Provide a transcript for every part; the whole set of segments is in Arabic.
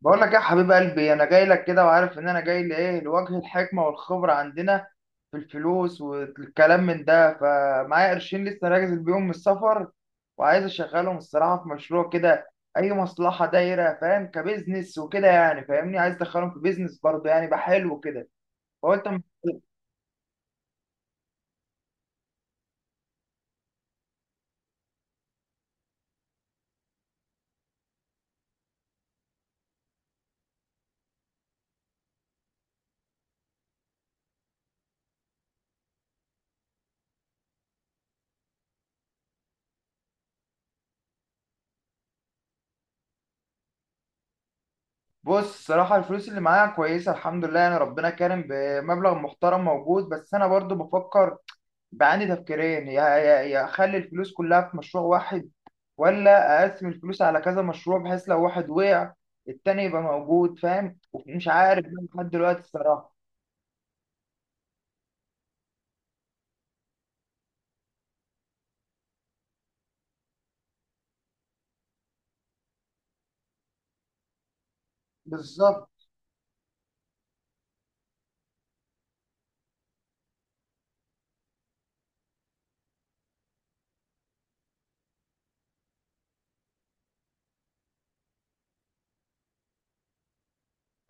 بقول لك إيه يا حبيب قلبي؟ انا جاي لك كده، وعارف ان انا جاي لايه. لوجه الحكمه والخبره عندنا في الفلوس والكلام من ده، فمعايا قرشين لسه راجز بيهم من السفر، وعايز اشغلهم الصراحه في مشروع كده، اي مصلحه دايره، فاهم؟ كبزنس وكده يعني، فاهمني؟ عايز ادخلهم في بيزنس برضه يعني، يبقى حلو كده. فقلت أما-. بص، الصراحه الفلوس اللي معايا كويسه الحمد لله، يعني ربنا كرم بمبلغ محترم موجود، بس انا برضه بفكر. بعاني تفكيرين، يا اخلي الفلوس كلها في مشروع واحد، ولا اقسم الفلوس على كذا مشروع بحيث لو واحد وقع التاني يبقى موجود، فاهم؟ ومش عارف بقى لحد دلوقتي الصراحه. بالظبط.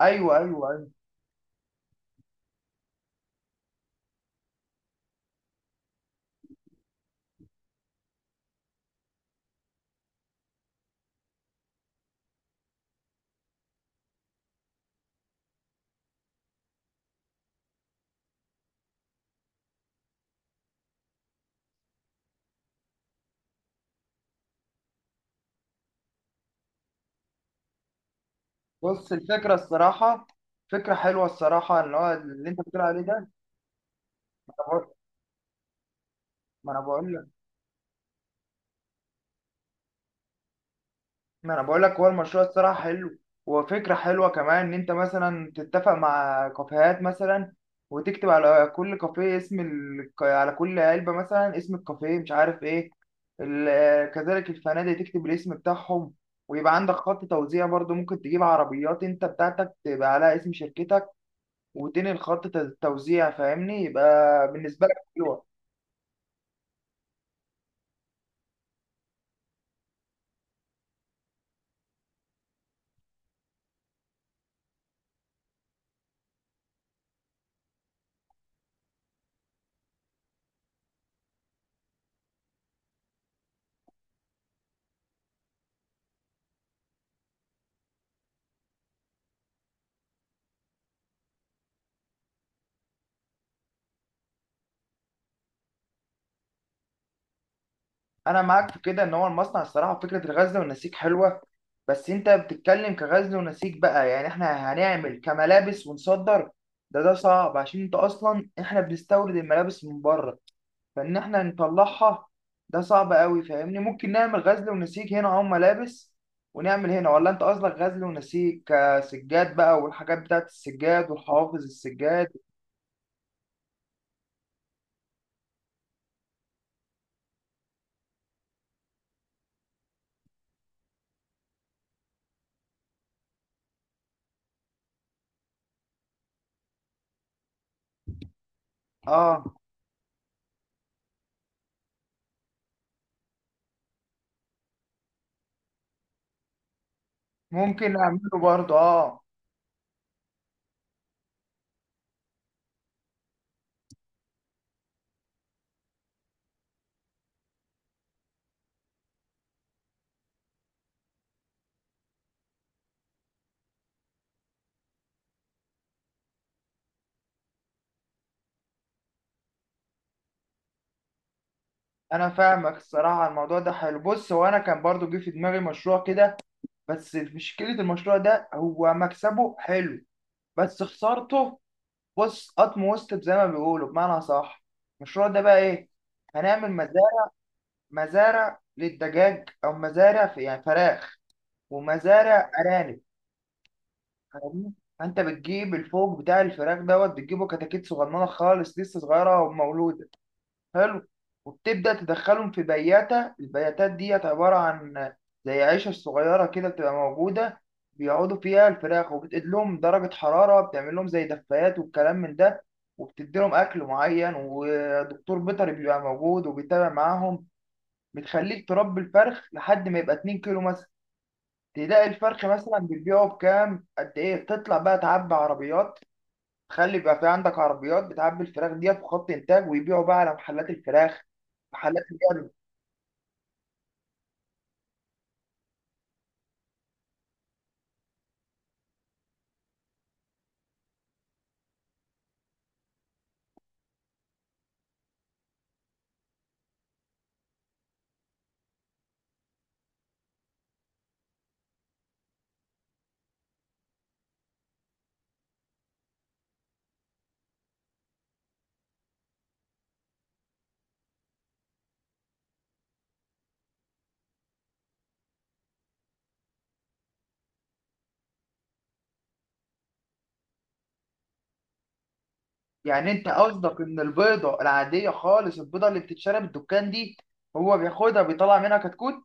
ايوه، ايوه، ايوه. بص الفكره الصراحه، فكره حلوه الصراحه اللي هو اللي انت بتقول عليه ده. ما انا بقول. ما انا بقول لك، هو المشروع الصراحه حلو، وفكره حلوه كمان ان انت مثلا تتفق مع كافيهات مثلا، وتكتب على كل كافيه اسم ال... على كل علبه مثلا اسم الكافيه، مش عارف ايه ال... كذلك الفنادق تكتب الاسم بتاعهم، ويبقى عندك خط توزيع برضو. ممكن تجيب عربيات انت بتاعتك تبقى عليها اسم شركتك، وتنقل خط توزيع، فاهمني؟ يبقى بالنسبه لك حلوه. انا معاك في كده ان هو المصنع الصراحه، فكره الغزل والنسيج حلوه، بس انت بتتكلم كغزل ونسيج بقى، يعني احنا هنعمل كملابس ونصدر؟ ده صعب، عشان انت اصلا احنا بنستورد الملابس من بره، فان احنا نطلعها ده صعب قوي، فاهمني؟ ممكن نعمل غزل ونسيج هنا او ملابس، ونعمل هنا. ولا انت قصدك غزل ونسيج كسجاد بقى، والحاجات بتاعت السجاد والحوافظ السجاد؟ اه ممكن نعمله برضه، اه. انا فاهمك الصراحه، الموضوع ده حلو. بص، هو انا كان برضو جه في دماغي مشروع كده، بس مشكله المشروع ده هو مكسبه حلو بس خسارته. بص، قطم وسط زي ما بيقولوا بمعنى صح. المشروع ده بقى ايه؟ هنعمل مزارع، مزارع للدجاج او مزارع في يعني فراخ، ومزارع ارانب. فاهمني؟ فانت بتجيب الفوق بتاع الفراخ دوت، بتجيبه كتاكيت صغننه خالص، لسه صغيره ومولود. حلو. وبتبدأ تدخلهم في بياتة، البياتات ديت عبارة عن زي عيشة صغيرة كده بتبقى موجودة، بيقعدوا فيها الفراخ، وبتقيد لهم درجة حرارة، بتعمل لهم زي دفايات والكلام من ده، وبتدي لهم أكل معين، ودكتور بيطري بيبقى موجود وبيتابع معاهم. بتخليك تربي الفرخ لحد ما يبقى 2 كيلو مثلا، تلاقي الفرخ مثلا بتبيعه بكام قد إيه. بتطلع بقى تعبي عربيات، خلي يبقى في عندك عربيات بتعبي الفراخ دي في خط انتاج، ويبيعوا بقى على محلات الفراخ، محلات اللحم. يعني انت قصدك ان البيضه العاديه خالص، البيضه اللي بتتشرب الدكان دي، هو بياخدها بيطلع منها كتكوت؟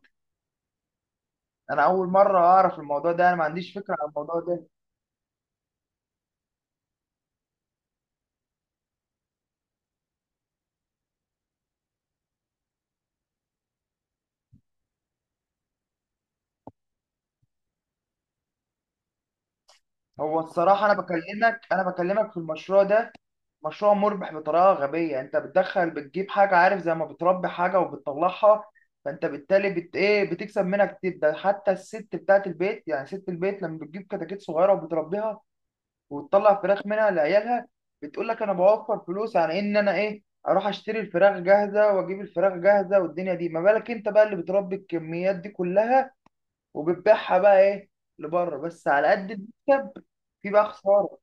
انا اول مره اعرف الموضوع ده، انا ما عنديش فكره عن الموضوع ده. هو الصراحه انا بكلمك، انا بكلمك في المشروع ده، مشروع مربح بطريقه غبيه. انت بتدخل بتجيب حاجه، عارف؟ زي ما بتربي حاجه وبتطلعها، فانت بالتالي بت ايه؟ بتكسب منها كتير. ده حتى الست بتاعت البيت، يعني ست البيت لما بتجيب كتاكيت صغيره وبتربيها وتطلع فراخ منها لعيالها، بتقول لك انا بوفر فلوس عن ان انا ايه؟ اروح اشتري الفراخ جاهزه، واجيب الفراخ جاهزه والدنيا دي. ما بالك انت بقى اللي بتربي الكميات دي كلها وبتبيعها بقى ايه؟ لبره. بس على قد المكسب في بقى خساره.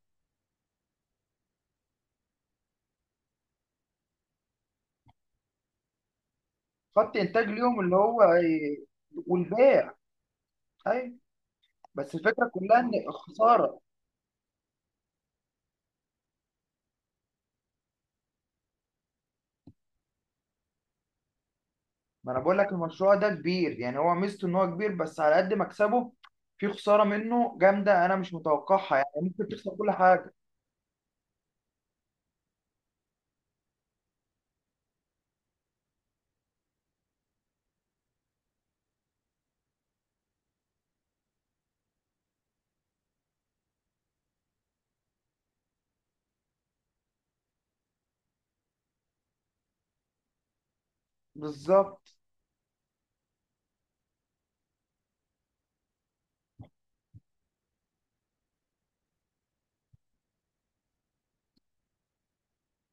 خط انتاج اليوم اللي هو إيه؟ والبيع. ايوه. بس الفكره كلها ان الخساره، ما انا بقول لك المشروع ده كبير، يعني هو ميزته ان هو كبير، بس على قد مكسبه في خساره منه جامده انا مش متوقعها، يعني ممكن تخسر كل حاجه. بالظبط.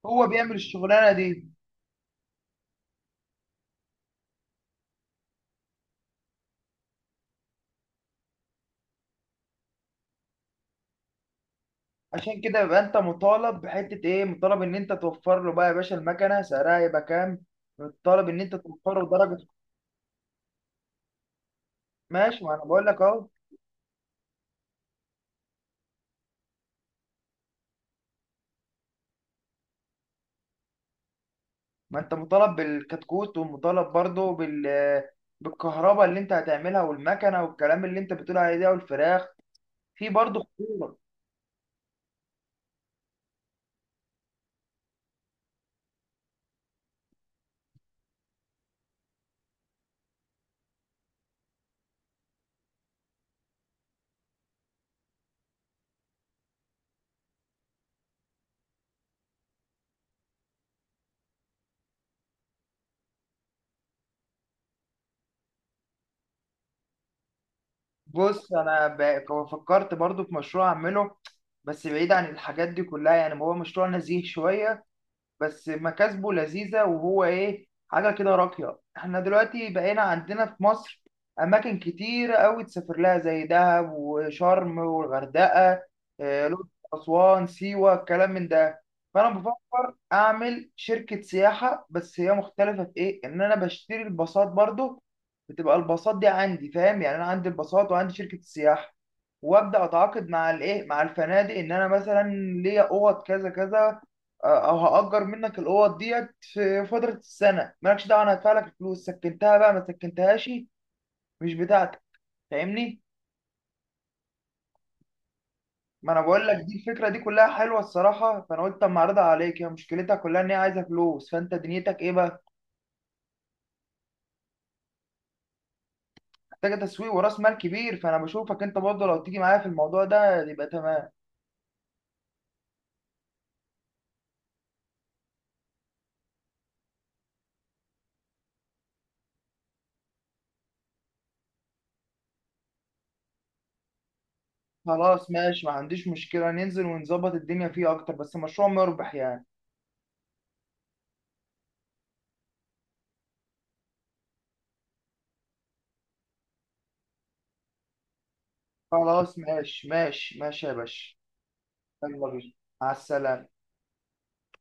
هو بيعمل الشغلانه دي. عشان كده يبقى انت مطالب بحته ايه؟ مطالب ان انت توفر له بقى يا باشا المكنه سعرها يبقى كام، مطالب ان انت توفر له درجه. ماشي، ما انا بقول لك اهو. ما انت مطالب بالكتكوت، ومطالب برضه بال، بالكهرباء اللي انت هتعملها، والمكنه والكلام اللي انت بتقول عليه ده، والفراخ. في برضه خطورة. بص أنا فكرت برضه في مشروع أعمله، بس بعيد عن الحاجات دي كلها، يعني هو مشروع نزيه شوية، بس مكاسبه لذيذة، وهو ايه، حاجة كده راقية. احنا دلوقتي بقينا عندنا في مصر أماكن كتير أوي تسافر لها، زي دهب وشرم والغردقة، آه، الأقصر، أسوان، سيوة، الكلام من ده. فأنا بفكر أعمل شركة سياحة، بس هي مختلفة في إيه؟ إن أنا بشتري الباصات برضو، بتبقى الباصات دي عندي، فاهم؟ يعني أنا عندي الباصات وعندي شركة السياحة، وأبدأ أتعاقد مع الإيه؟ مع الفنادق، إن أنا مثلا ليا أوض كذا كذا، او هاجر منك الاوض ديت في فتره السنه، مالكش دعوه، انا هدفع لك الفلوس، سكنتها بقى ما سكنتهاش مش بتاعتك، فاهمني؟ ما انا بقول لك دي الفكره دي كلها حلوه الصراحه، فانا قلت اما اعرضها عليك، هي مشكلتها كلها ان هي عايزه فلوس، فانت دنيتك ايه بقى؟ محتاجه تسويق وراس مال كبير، فانا بشوفك انت برضه لو تيجي معايا في الموضوع ده يبقى تمام. خلاص ماشي ما عنديش مشكله، ننزل ونظبط الدنيا فيه اكتر، بس مشروع مربح يعني. خلاص ماشي، ماشي ماشي يا باشا. يلا بينا. مع السلامه.